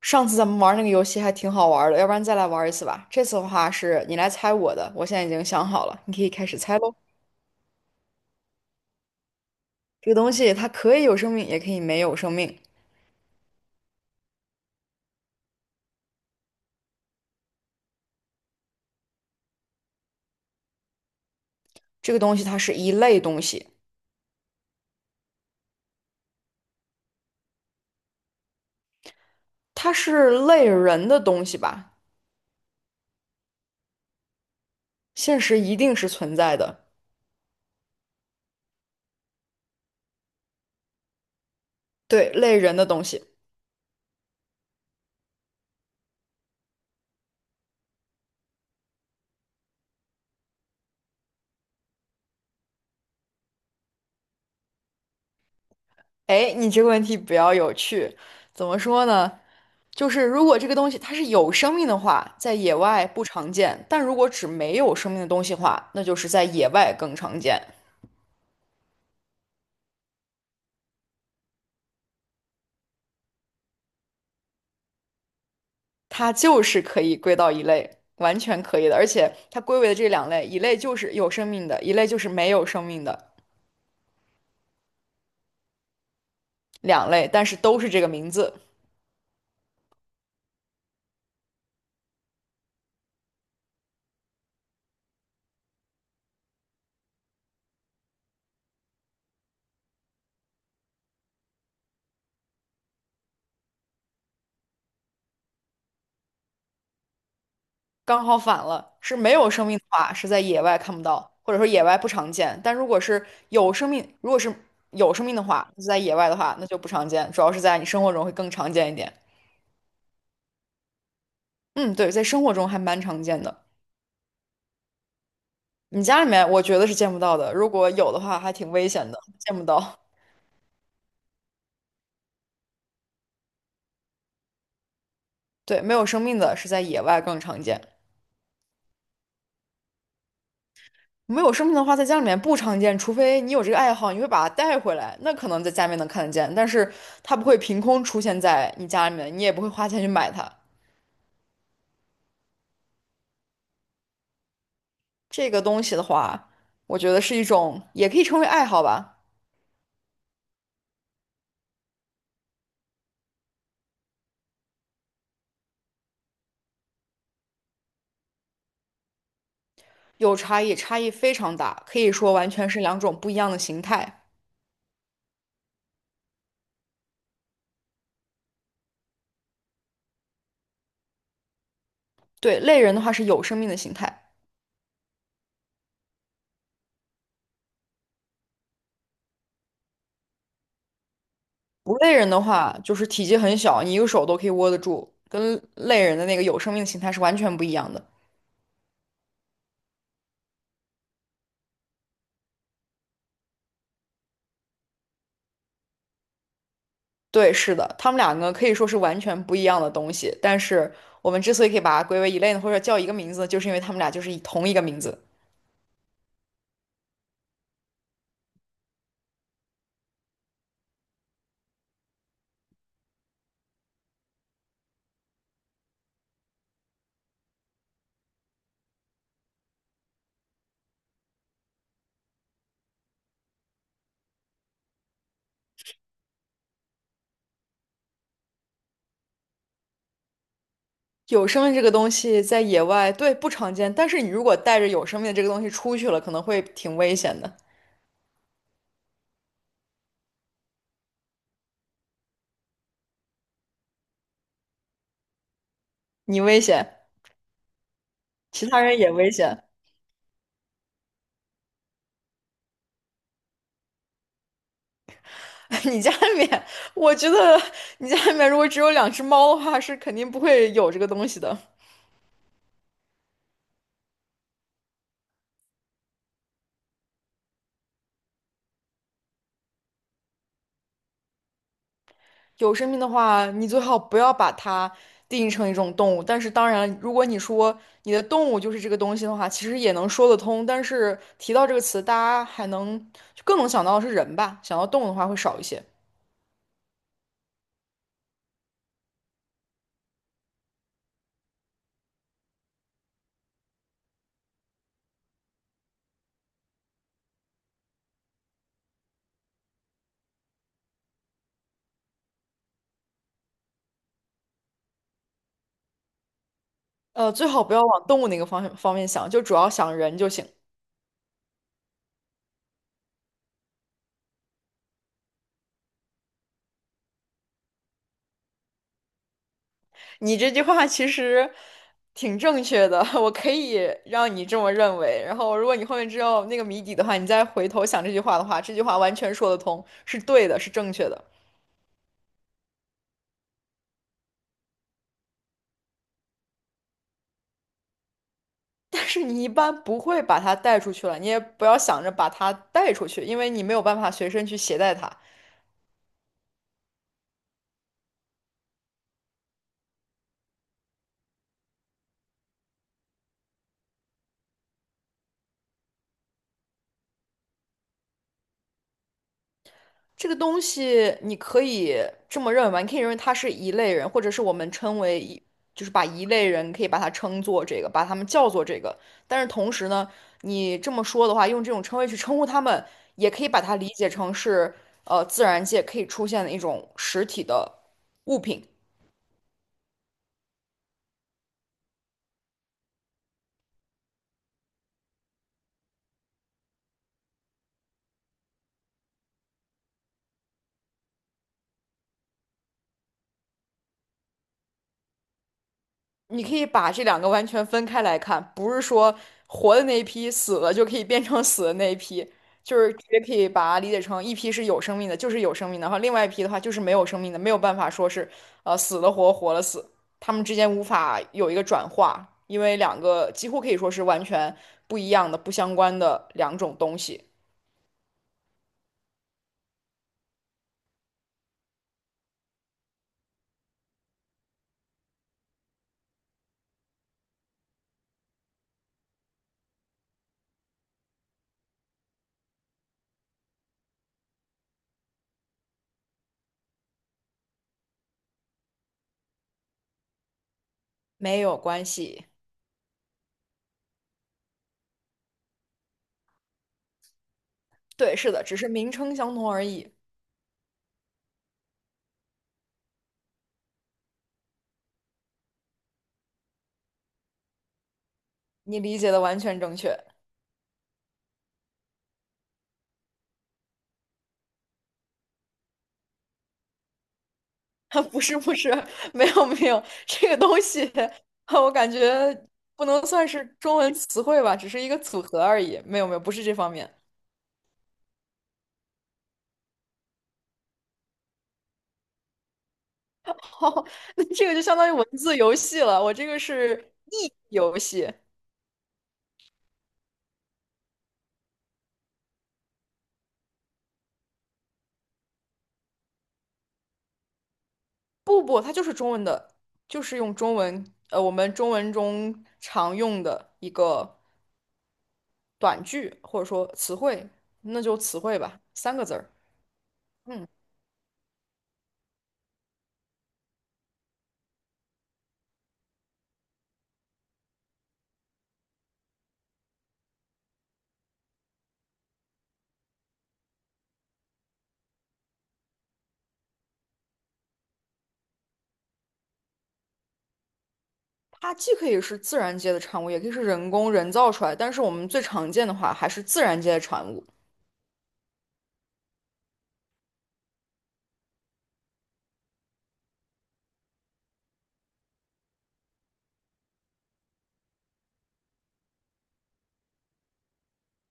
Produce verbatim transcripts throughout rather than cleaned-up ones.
上次咱们玩那个游戏还挺好玩的，要不然再来玩一次吧。这次的话是你来猜我的，我现在已经想好了，你可以开始猜喽。这个东西它可以有生命，也可以没有生命。这个东西它是一类东西，它是类人的东西吧？现实一定是存在的，对，类人的东西。哎，你这个问题比较有趣，怎么说呢？就是如果这个东西它是有生命的话，在野外不常见；但如果指没有生命的东西的话，那就是在野外更常见。它就是可以归到一类，完全可以的。而且它归为的这两类，一类就是有生命的，一类就是没有生命的，两类，但是都是这个名字，刚好反了。是没有生命的话，是在野外看不到，或者说野外不常见；但如果是有生命，如果是有生命的话，是在野外的话，那就不常见，主要是在你生活中会更常见一点。嗯，对，在生活中还蛮常见的。你家里面我觉得是见不到的，如果有的话还挺危险的，见不到。对，没有生命的是在野外更常见。没有生命的话，在家里面不常见，除非你有这个爱好，你会把它带回来，那可能在家里面能看得见，但是它不会凭空出现在你家里面，你也不会花钱去买它。这个东西的话，我觉得是一种，也可以称为爱好吧，有差异，差异非常大，可以说完全是两种不一样的形态。对，类人的话是有生命的形态，不类人的话就是体积很小，你一个手都可以握得住，跟类人的那个有生命的形态是完全不一样的。对，是的，他们两个可以说是完全不一样的东西，但是我们之所以可以把它归为一类呢，或者叫一个名字呢就是因为他们俩就是以同一个名字。有生命这个东西在野外，对，不常见，但是你如果带着有生命的这个东西出去了，可能会挺危险的，你危险，其他人也危险。你家里面，我觉得你家里面如果只有两只猫的话，是肯定不会有这个东西的。有生命的话，你最好不要把它定义成一种动物。但是，当然，如果你说你的动物就是这个东西的话，其实也能说得通。但是提到这个词，大家还能就更能想到的是人吧，想到动物的话会少一些。呃，最好不要往动物那个方向方面想，就主要想人就行。你这句话其实挺正确的，我可以让你这么认为。然后，如果你后面知道那个谜底的话，你再回头想这句话的话，这句话完全说得通，是对的，是正确的。但是你一般不会把它带出去了，你也不要想着把它带出去，因为你没有办法随身去携带它。这个东西你可以这么认为吧，你可以认为它是一类人，或者是我们称为一，就是把一类人可以把它称作这个，把他们叫做这个。但是同时呢，你这么说的话，用这种称谓去称呼他们，也可以把它理解成是呃自然界可以出现的一种实体的物品。你可以把这两个完全分开来看，不是说活的那一批死了就可以变成死的那一批，就是直接可以把它理解成一批是有生命的，就是有生命的，然后另外一批的话就是没有生命的，没有办法说是呃死了活，活了死，他们之间无法有一个转化，因为两个几乎可以说是完全不一样的、不相关的两种东西，没有关系。对，是的，只是名称相同而已。你理解的完全正确。不是不是，没有没有，这个东西 我感觉不能算是中文词汇吧，只是一个组合而已。没有没有，不是这方面。哦，那这个就相当于文字游戏了，我这个是译游戏。不不，它就是中文的，就是用中文，呃，我们中文中常用的一个短句或者说词汇，那就词汇吧，三个字儿。嗯。它既可以是自然界的产物，也可以是人工人造出来，但是我们最常见的话还是自然界的产物。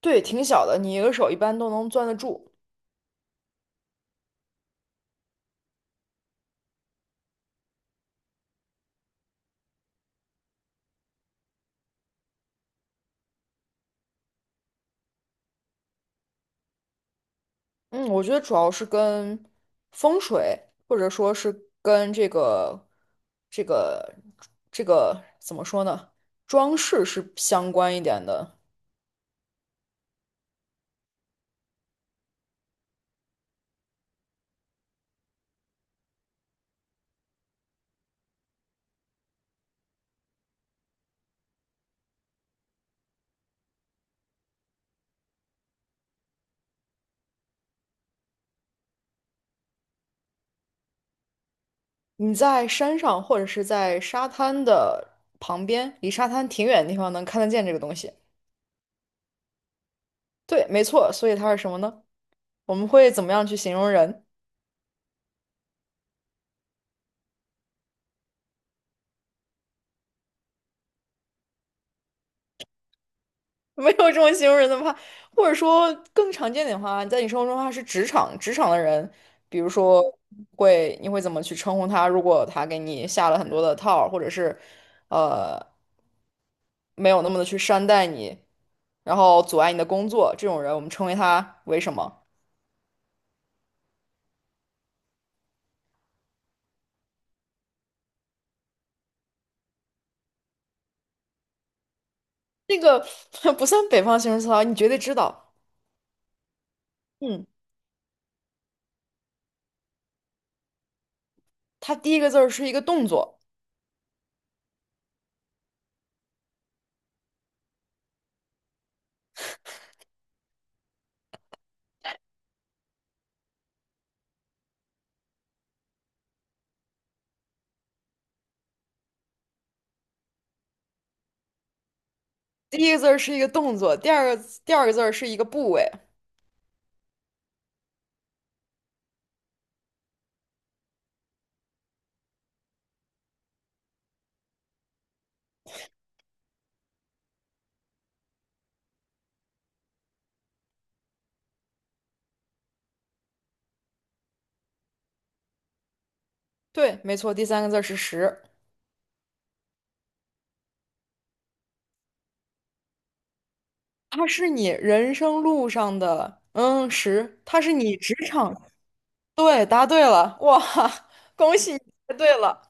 对，挺小的，你一个手一般都能攥得住。嗯，我觉得主要是跟风水，或者说是跟这个、这个、这个怎么说呢，装饰是相关一点的。你在山上或者是在沙滩的旁边，离沙滩挺远的地方能看得见这个东西。对，没错，所以它是什么呢？我们会怎么样去形容人？没有这么形容人的话，或者说更常见点的话，在你生活中的话是职场职场的人，比如说会你会怎么去称呼他？如果他给你下了很多的套儿或者是呃没有那么的去善待你，然后阻碍你的工作，这种人我们称为他为什么？那个 不算北方形容词啊，你绝对知道。嗯，他第一个字儿是一个动作，第一个字儿是一个动作，第二个第二个字儿是一个部位，对，没错，第三个字儿是时。它是你人生路上的嗯十，它是你职场。对，答对了，哇，恭喜你答对了。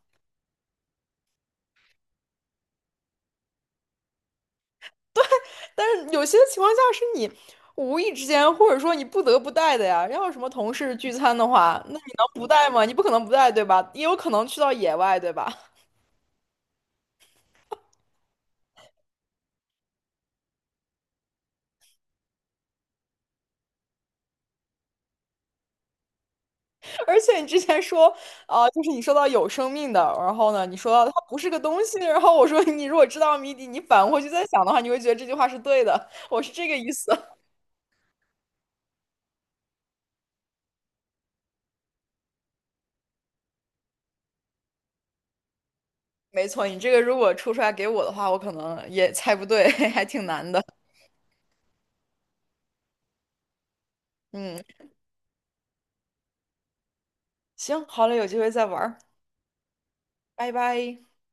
但是有些情况下是你无意之间，或者说你不得不带的呀。要是什么同事聚餐的话，那你能不带吗？你不可能不带，对吧？也有可能去到野外，对吧？而且你之前说啊、就是你说到有生命的，然后呢，你说到它不是个东西，然后我说你如果知道谜底，你反过去再想的话，你会觉得这句话是对的。我是这个意思。没错，你这个如果出出来给我的话，我可能也猜不对，还挺难的。嗯，行，好嘞，有机会再玩儿拜拜。